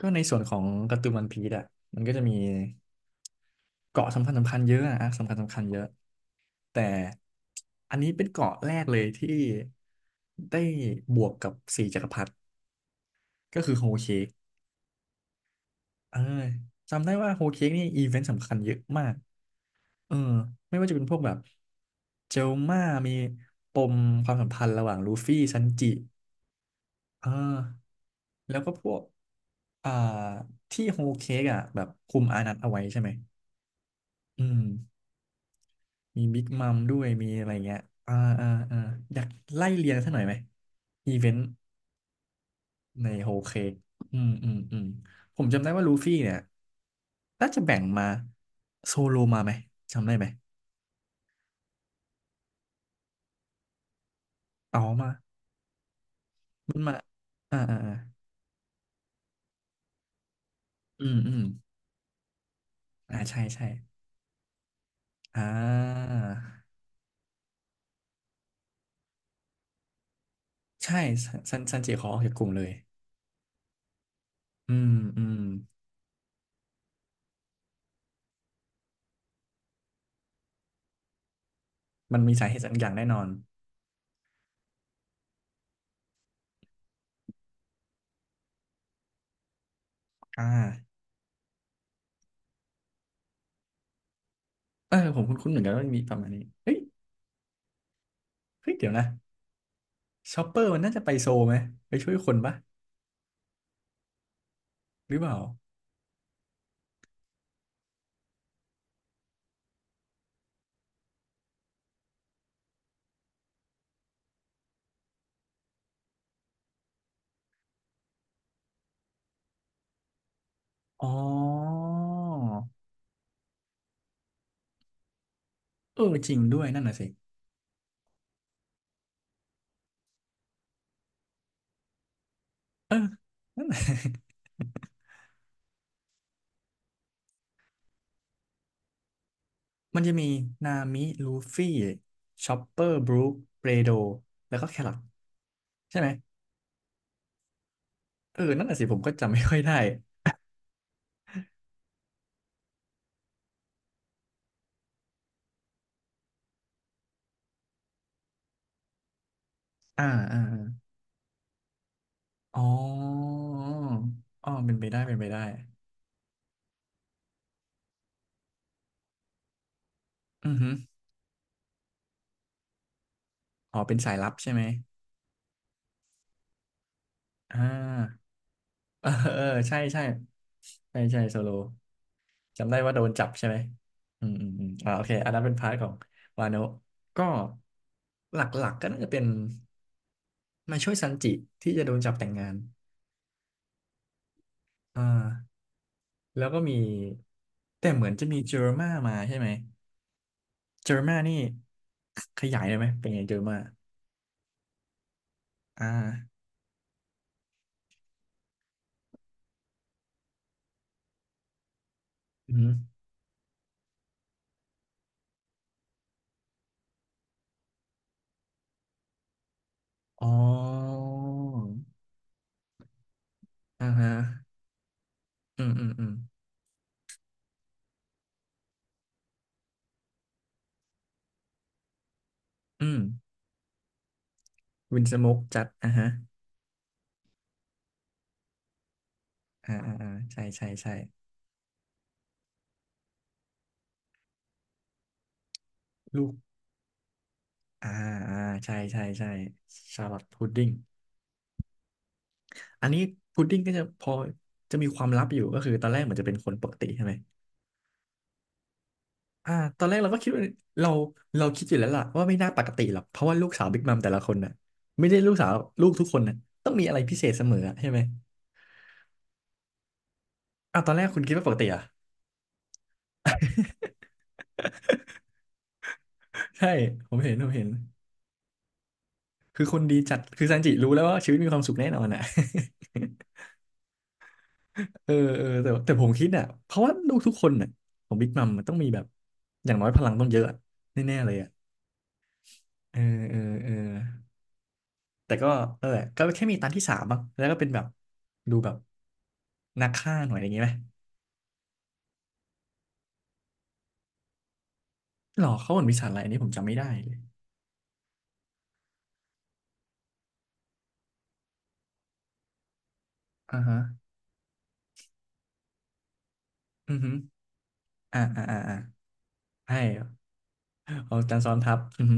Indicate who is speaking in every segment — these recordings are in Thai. Speaker 1: ก็ในส่วนของการ์ตูนวันพีซอ่ะมันก็จะมีเกาะสำคัญสำคัญเยอะอะอาร์คสำคัญสำคัญเยอะแต่อันนี้เป็นเกาะแรกเลยที่ได้บวกกับสี่จักรพรรดิก็คือโฮเคกเออจำได้ว่าโฮเคกนี่อีเวนต์สำคัญเยอะมากเออไม่ว่าจะเป็นพวกแบบเจลม่ามีปมความสัมพันธ์ระหว่างลูฟี่ซันจิเออแล้วก็พวกอ่าที่โฮเคกอ่ะแบบคุมอานัตเอาไว้ใช่ไหมอืม มีบิ๊กมัมด้วยมีอะไรเงี้ยอ่าอ่าอ่าอยากไล่เรียงสักหน่อยไหมอีเวนต์ในโฮเคกอืมอืมอืมผมจำได้ว่าลูฟี่เนี่ยน่าจะแบ่งมาโซโลมาไหมจำได้ไหมอ๋อมามันมาอ่าอ่าอ่าอืมอืมอ่าใช่ใช่อ่าใช่ซันจิขอออกจากกลุ่มเลยอืมอืมมันมีสาเหตุสักอย่างแน่นอนอ่าเออผมคุ้นๆเหมือนกันว่ามีประมาณนี้เฮ้ยเฮ้ยเดี๋ยวนะ ชอปเปอร์มันน่าจะไปโซลไหมไปช่วยคนปะหรือเปล่าอ๋อเออจริงด้วยนั่นน่ะสิเออนั่นน่ะ มันจะมีนามิลูฟี่ชอปเปอร์บรูคเบรโดแล้วก็แครอทใช่ไหมเออนั่นน่ะสิผมก็จำไม่ค่อยได้อ่าอ่าอาอ๋ออ๋อเป็นไปได้เป็นไปได้อือหืออ๋อเป็นสายลับใช่ไหมอ่า เออเออใช่ใช่ใช่ใช่โซโล จำได้ว่าโดนจับใช่ไหมอืมอืมอืมโอเคอันนั้นเป็นพาร์ทของวาโนะก็หลักๆก็น่าจะเป็นมาช่วยซันจิที่จะโดนจับแต่งงานอ่าแล้วก็มีแต่เหมือนจะมีเจอร์มามาใช่ไหมเจอร์มานี่ขขยายได้ไหมเป็นไงเจอร์มาอ่าอืมอ๋ออ่าฮะอืม อืมอืมอืมวินสโมกจัดอ่าฮะใช่ใช่ใช่ลูกอ่าอ่าใช่ใช่ใช่ชาลอตพุดดิ้ง อันนี้พุดดิ้งก็จะพอจะมีความลับอยู่ก็คือตอนแรกเหมือนจะเป็นคนปกติใช่ไหมอ่าตอนแรกเราก็คิดว่าเราเราคิดอยู่แล้วล่ะว่าไม่น่าปกติหรอกเพราะว่าลูกสาวบิ๊กมัมแต่ละคนน่ะไม่ได้ลูกสาวลูกทุกคนน่ะต้องมีอะไรพิเศษเสมออะใช่ไหมตอนแรกคุณคิดว่าปกติเหรอ่ะ ใช่ผมเห็นผมเห็นคือคนดีจัดคือซันจิรู้แล้วว่าชีวิตมีความสุขแน่นอนอ่ะ เออเออแต่ผมคิดอ่ะเพราะว่าลูกทุกคนอ่ะของบิ๊กมัมมันต้องมีแบบอย่างน้อยพลังต้องเยอะอะแน่ๆเลยอ่ะเออเออเออ แต่ก็เออก็แค่มีตันที่สามมั้งแล้วก็เป็นแบบดูแบบนักฆ่าหน่อยอย่างงี้ไหมหรอเขาเหมือนมีสารอะไรอันนี้ผมจำไม่ได้เลยอ่าฮะอือฮึอ่าอ่าอ่าอ่าใช่เอาจันซ้อนทับอือฮึ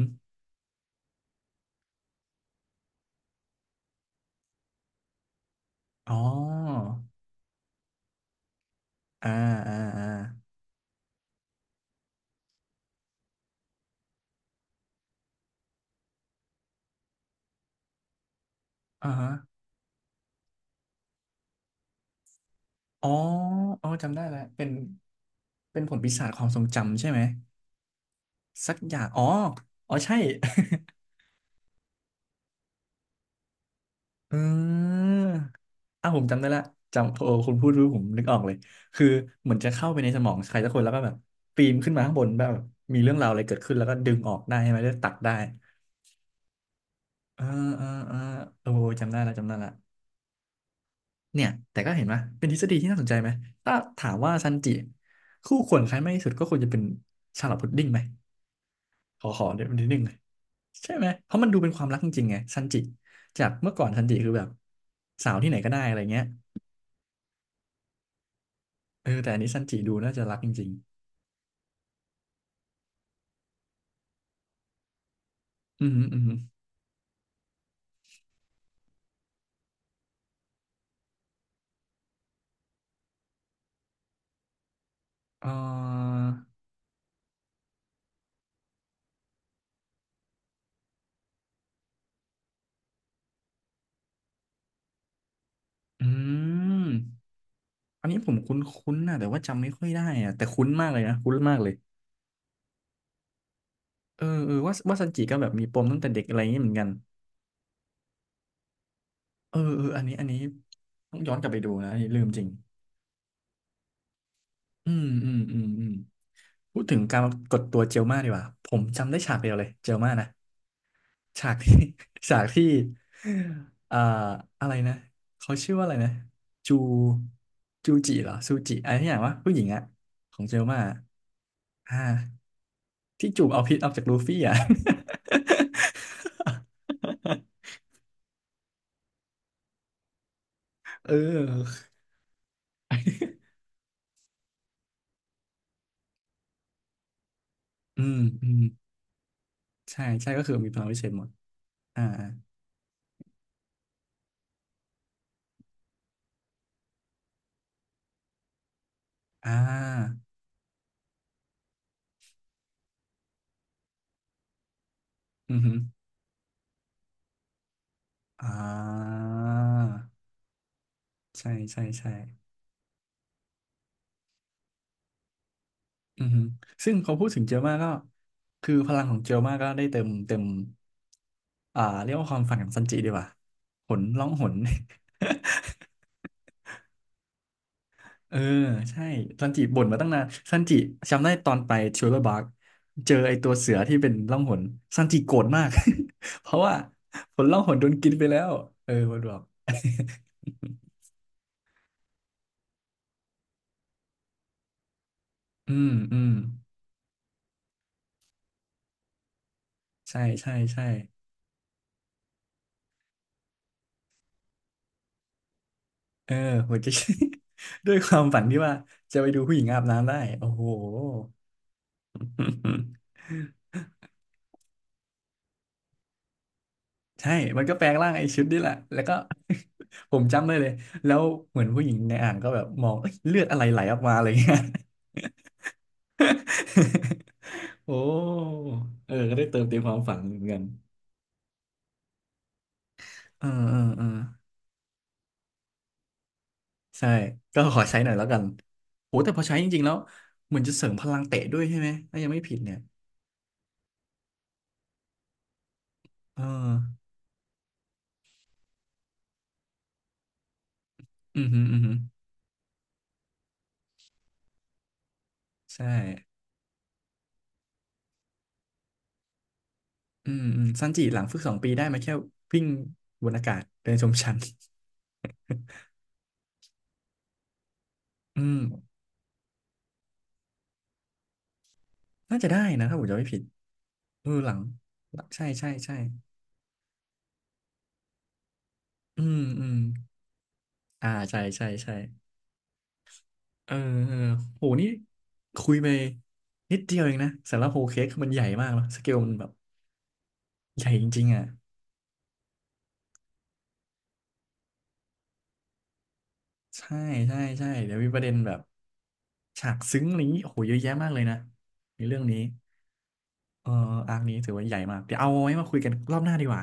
Speaker 1: อ๋ออ่าอ่าอ่าอ่าฮะอ๋ออ๋อจำได้แล้วเป็นเป็นผลปีศาจความทรงจำใช่ไหม สักอย่างอ๋ออ๋อใช่ เออผมจำได้ละจำโอ้คุณพูดรู้ผมนึกออกเลยคือเหมือนจะเข้าไปในสมองใครสักคนแล้วก็แบบปีนขึ้นมาข้างบนแบบมีเรื่องราวอะไรเกิดขึ้นแล้วก็ดึงออกได้ใช่ไหมแล้วตัดได้เออเออเออโอ้จำได้ละจำได้ละเนี่ยแต่ก็เห็นไหมเป็นทฤษฎีที่น่าสนใจไหมถ้าถามว่าซันจิคู่ควรใครมากที่สุดก็ควรจะเป็นชาร์ลอตพุดดิ้งไหมขอเดี๋ยวนิดนึงเลยใช่ไหมเพราะมันดูเป็นความรักจริงๆไงซันจิจากเมื่อก่อนซันจิคือแบบสาวที่ไหนก็ได้อะไรเงี้ย เออแต่อันนี้ซันจิดูน่าจะรักจริงๆอืมอหืมออือหือเอ่ออืมอันนี้ผมคุ้นๆนะแต่ว่าจำไม่ค่อยได้อะแต่คุ้นมากเลยนะคุ้นมากเลยเออเออว่าว่าซันจิก็แบบมีปมตั้งแต่เด็กอะไรอย่างนี้เหมือนกันเออเอออันนี้อันนี้ต้องย้อนกลับไปดูนะอันนี้ลืมจริงอืมอืมอืมอืมพูดถึงการกดตัวเจลมาดีกว่าผมจำได้ฉากเดียวเลยเจลมานะ ฉากที่ ฉากที่เอ่ออะไรนะเขาชื่อว่าอะไรนะจูจูจิเหรอซูจิอะไรที่อย่างวะผู้หญิงอะของเจลมาอะอ่าที่จูบเอาพิษออกจากลูฟี่อะ เอออืมอืมใช่ใช่ก็คือมีพลังวิเศษหมดอ่าอ่าอือฮึอ่าใช่ใช่ใช่ อือฮึซึ่งพอพูดถึงเจลมาก็คือพลังของเจลมาก็ได้เต็มเต็มเรียกว่าความฝันของซันจิดีกว่าหนร้องหน เออใช่ซันจิบ่นมาตั้งนานซันจิจำได้ตอนไปชูเลอร์บาร์กเจอไอตัวเสือที่เป็นล่องหนซันจิโกรธมาก เพราะว่าผลล่องหนโดนกินไปแล้วเออมันบอกอืมอืมใช่ใช่ใช่เออหัวใจ ด้วยความฝันที่ว่าจะไปดูผู้หญิงอาบน้ำได้โอ้โห ใช่มันก็แปลงร่างไอ้ชุดนี่แหละแล้วก็ ผมจำได้เลย แล้วเหมือนผู้หญิงในอ่างก็แบบมองเอ้ยเลือดอะไรไหลออกมาอะไรเงี้ย โอ้เออก็ได้เติมเต็มความฝันเหมือนกันเออเออเออใช่ ก็ขอใช้หน่อยแล้วกันโหแต่พอใช้จริงๆแล้วเหมือนจะเสริมพลังเตะด้วยใช่ไหมถ้ายังไม่ผิดเนี่ยเอออือหืออือหือใช่อืมอืมซันจิหลังฝึก2 ปีได้มาแค่วิ่งบนอากาศเดินชมชั้น อืมน่าจะได้นะถ้าผมจำไม่ผิด เออหลังหลังใช่ใช่ใช่อืมอืมอ่าใช่ใช่ใช่เออเออโหนี่คุยไปนิดเดียวเองนะสำหรับโฮเค้กคือมันใหญ่มากเนอะสเกลมันแบบใหญ่จริงๆอ่ะใช่ใช่ใช่เดี๋ยวมีประเด็นแบบฉากซึ้งอะไรอย่างนี้โอ้โหเยอะแยะมากเลยนะในเรื่องนี้เอออาร์คนี้ถือว่าใหญ่มากเดี๋ยวเอาไว้มาคุยกันรอบหน้าดีกว่า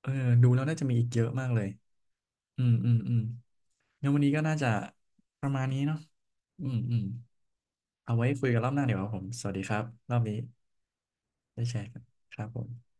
Speaker 1: เออดูแล้วน่าจะมีอีกเยอะมากเลยอืมอืมอืมงั้นวันนี้ก็น่าจะประมาณนี้เนาะอืมอืม เอาไว้คุยกันรอบหน้าเดี๋ยวาครับผม สวัสดีครับรอบนี้ได้แชร์กันครับผม